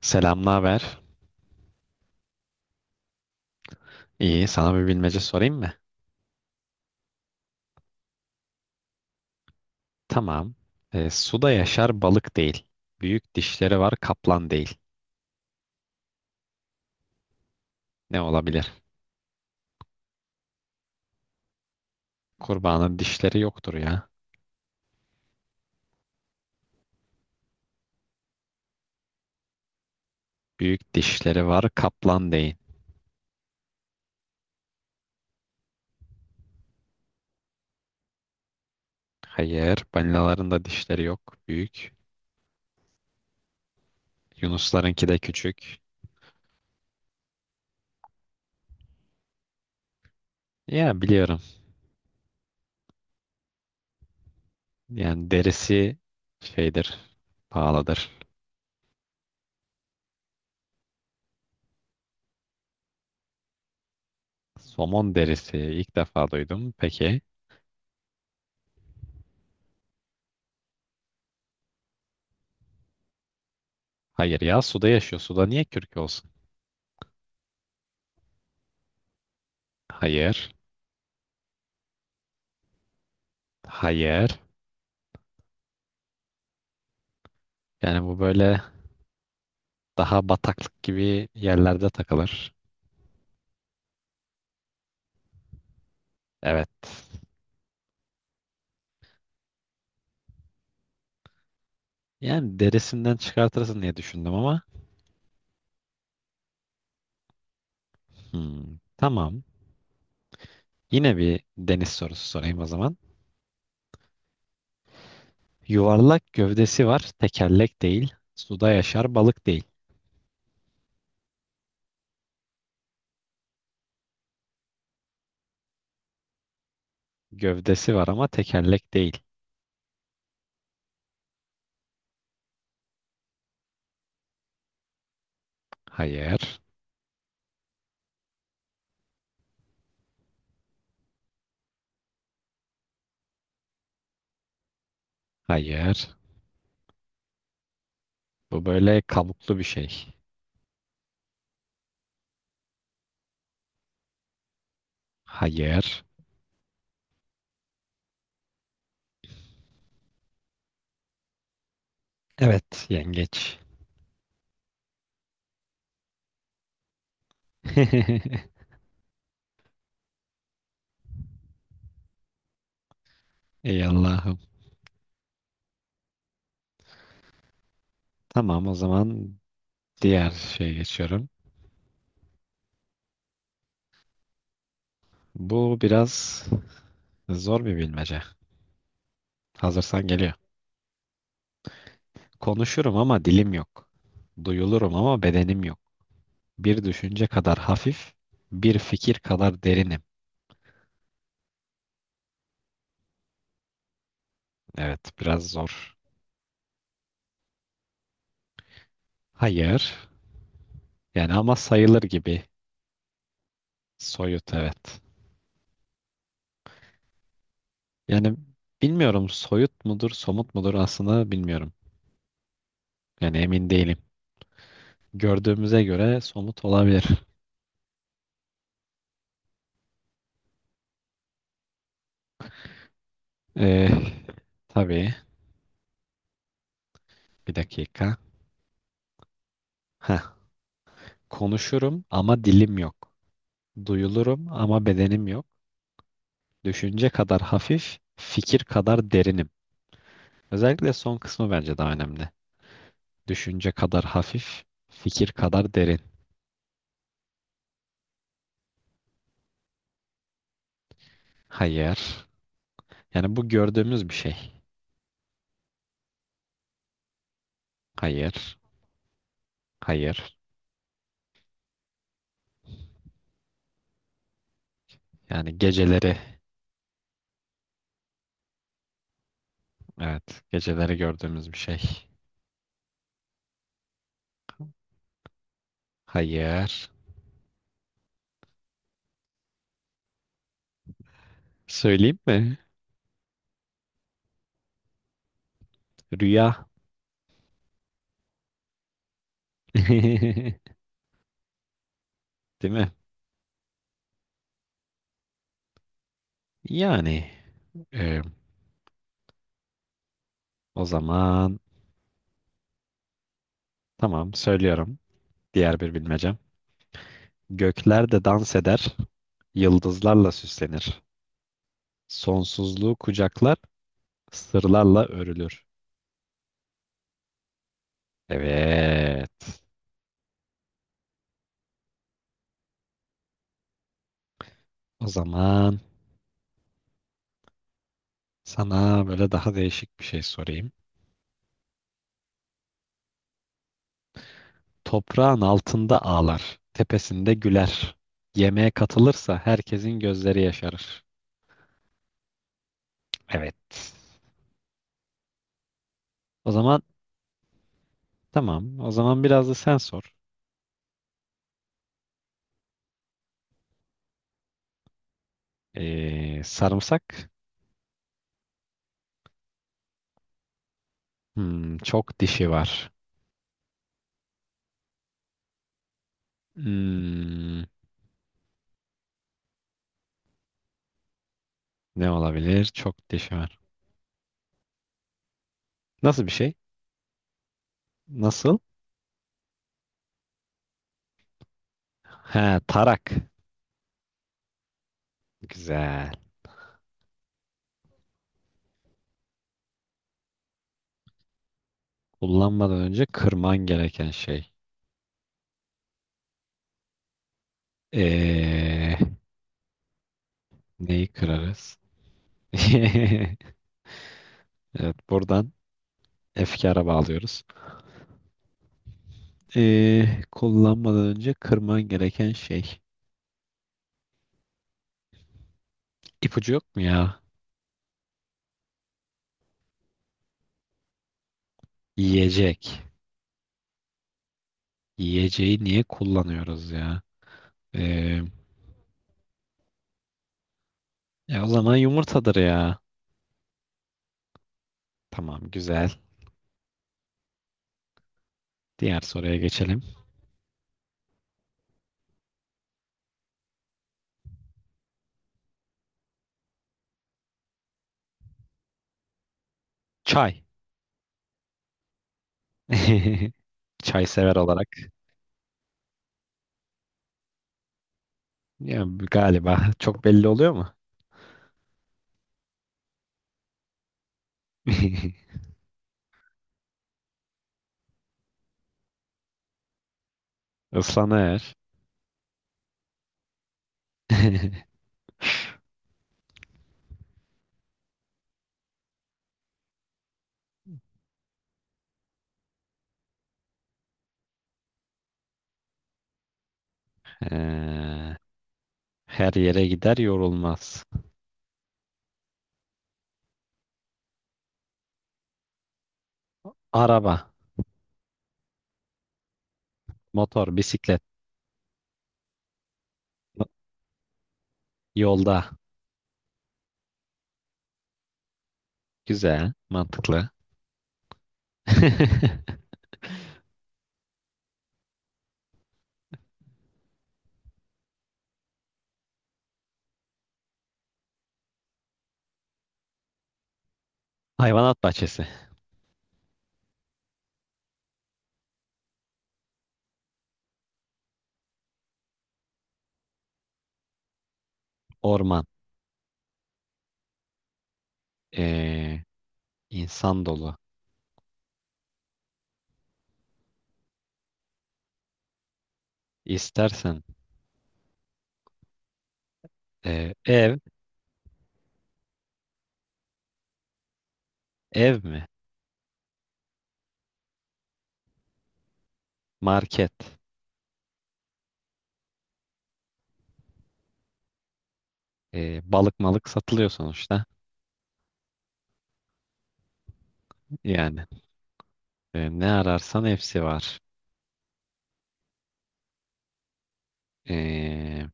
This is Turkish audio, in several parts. Selam, naber? İyi, sana bir bilmece sorayım mı? Tamam. Suda yaşar balık değil. Büyük dişleri var kaplan değil. Ne olabilir? Kurbanın dişleri yoktur ya. Büyük dişleri var kaplan değil. Hayır, balinaların da dişleri yok. Büyük. Yunuslarınki de küçük. Ya biliyorum. Yani derisi şeydir, pahalıdır. Somon derisi ilk defa duydum. Peki. Hayır ya suda yaşıyor. Suda niye kürk olsun? Hayır. Hayır. Yani bu böyle daha bataklık gibi yerlerde takılır. Evet. Yani derisinden çıkartırsın diye düşündüm ama. Hmm, tamam. Yine bir deniz sorusu sorayım o zaman. Yuvarlak gövdesi var, tekerlek değil. Suda yaşar, balık değil. Gövdesi var ama tekerlek değil. Hayır. Hayır. Bu böyle kabuklu bir şey. Hayır. Evet, yengeç. Ey Allah'ım. Tamam o zaman diğer şeye geçiyorum. Bu biraz zor bir bilmece. Hazırsan geliyor. Konuşurum ama dilim yok. Duyulurum ama bedenim yok. Bir düşünce kadar hafif, bir fikir kadar derinim. Evet, biraz zor. Hayır. Yani ama sayılır gibi. Soyut, evet. Yani bilmiyorum soyut mudur, somut mudur aslında bilmiyorum. Yani emin değilim. Gördüğümüze göre somut olabilir. Ee, tabii. Bir dakika. Heh. Konuşurum ama dilim yok. Duyulurum ama bedenim yok. Düşünce kadar hafif, fikir kadar derinim. Özellikle son kısmı bence daha önemli. Düşünce kadar hafif, fikir kadar derin. Hayır. Yani bu gördüğümüz bir şey. Hayır. Hayır. Yani geceleri, evet, geceleri gördüğümüz bir şey. Hayır. Söyleyeyim mi? Rüya. Değil mi? Yani e, o zaman tamam söylüyorum. Diğer bir bilmecem. Gökler de dans eder, yıldızlarla süslenir. Sonsuzluğu kucaklar sırlarla örülür. Evet. O zaman sana böyle daha değişik bir şey sorayım. Toprağın altında ağlar, tepesinde güler. Yemeğe katılırsa herkesin gözleri yaşarır. Evet. O zaman tamam. O zaman biraz da sen sor. Sarımsak. Hmm, çok dişi var. Hmm, ne olabilir? Çok dişi var. Nasıl bir şey? Nasıl? Ha, tarak. Güzel. Kullanmadan önce kırman gereken şey. Ee, neyi kırarız? Evet, buradan efkara bağlıyoruz. Kullanmadan önce kırman gereken şey. İpucu yok mu ya? Yiyecek. Yiyeceği niye kullanıyoruz ya? Ee, o zaman yumurtadır ya. Tamam, güzel. Diğer soruya geçelim. Çay. Çay sever olarak. Ya, galiba çok belli oluyor mu? Islanır. Ee, her yere gider yorulmaz. Araba, motor, bisiklet, yolda. Güzel, mantıklı. Hayvanat bahçesi, orman, ee, insan dolu. İstersen ev, ev mi? Market, balık malık satılıyor sonuçta. Yani ne ararsan hepsi var. Ee,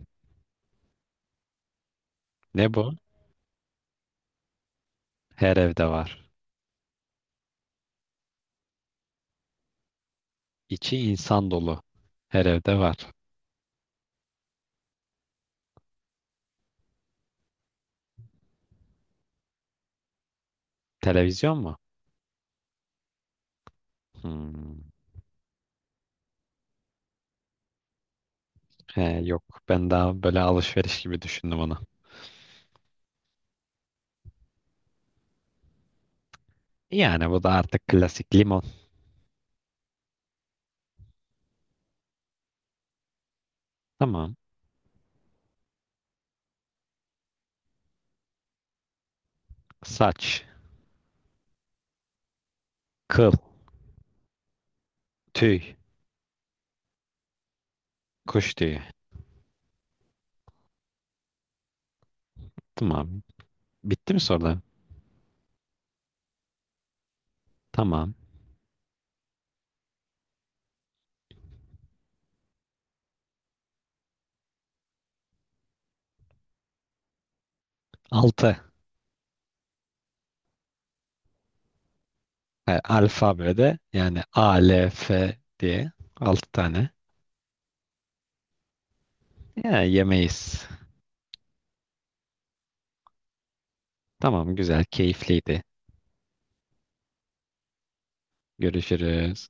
ne bu? Her evde var. İçi insan dolu. Her evde var. Televizyon mu? Hmm. He, yok ben daha böyle alışveriş gibi düşündüm onu. Yani bu da artık klasik limon. Tamam. Saç, kıl, tüy, kuş tüyü. Tamam. Bitti mi sorular? Tamam. Altı. E, alfabede yani A, L, F diye altı tane. Ya yemeyiz. Tamam güzel keyifliydi. Görüşürüz.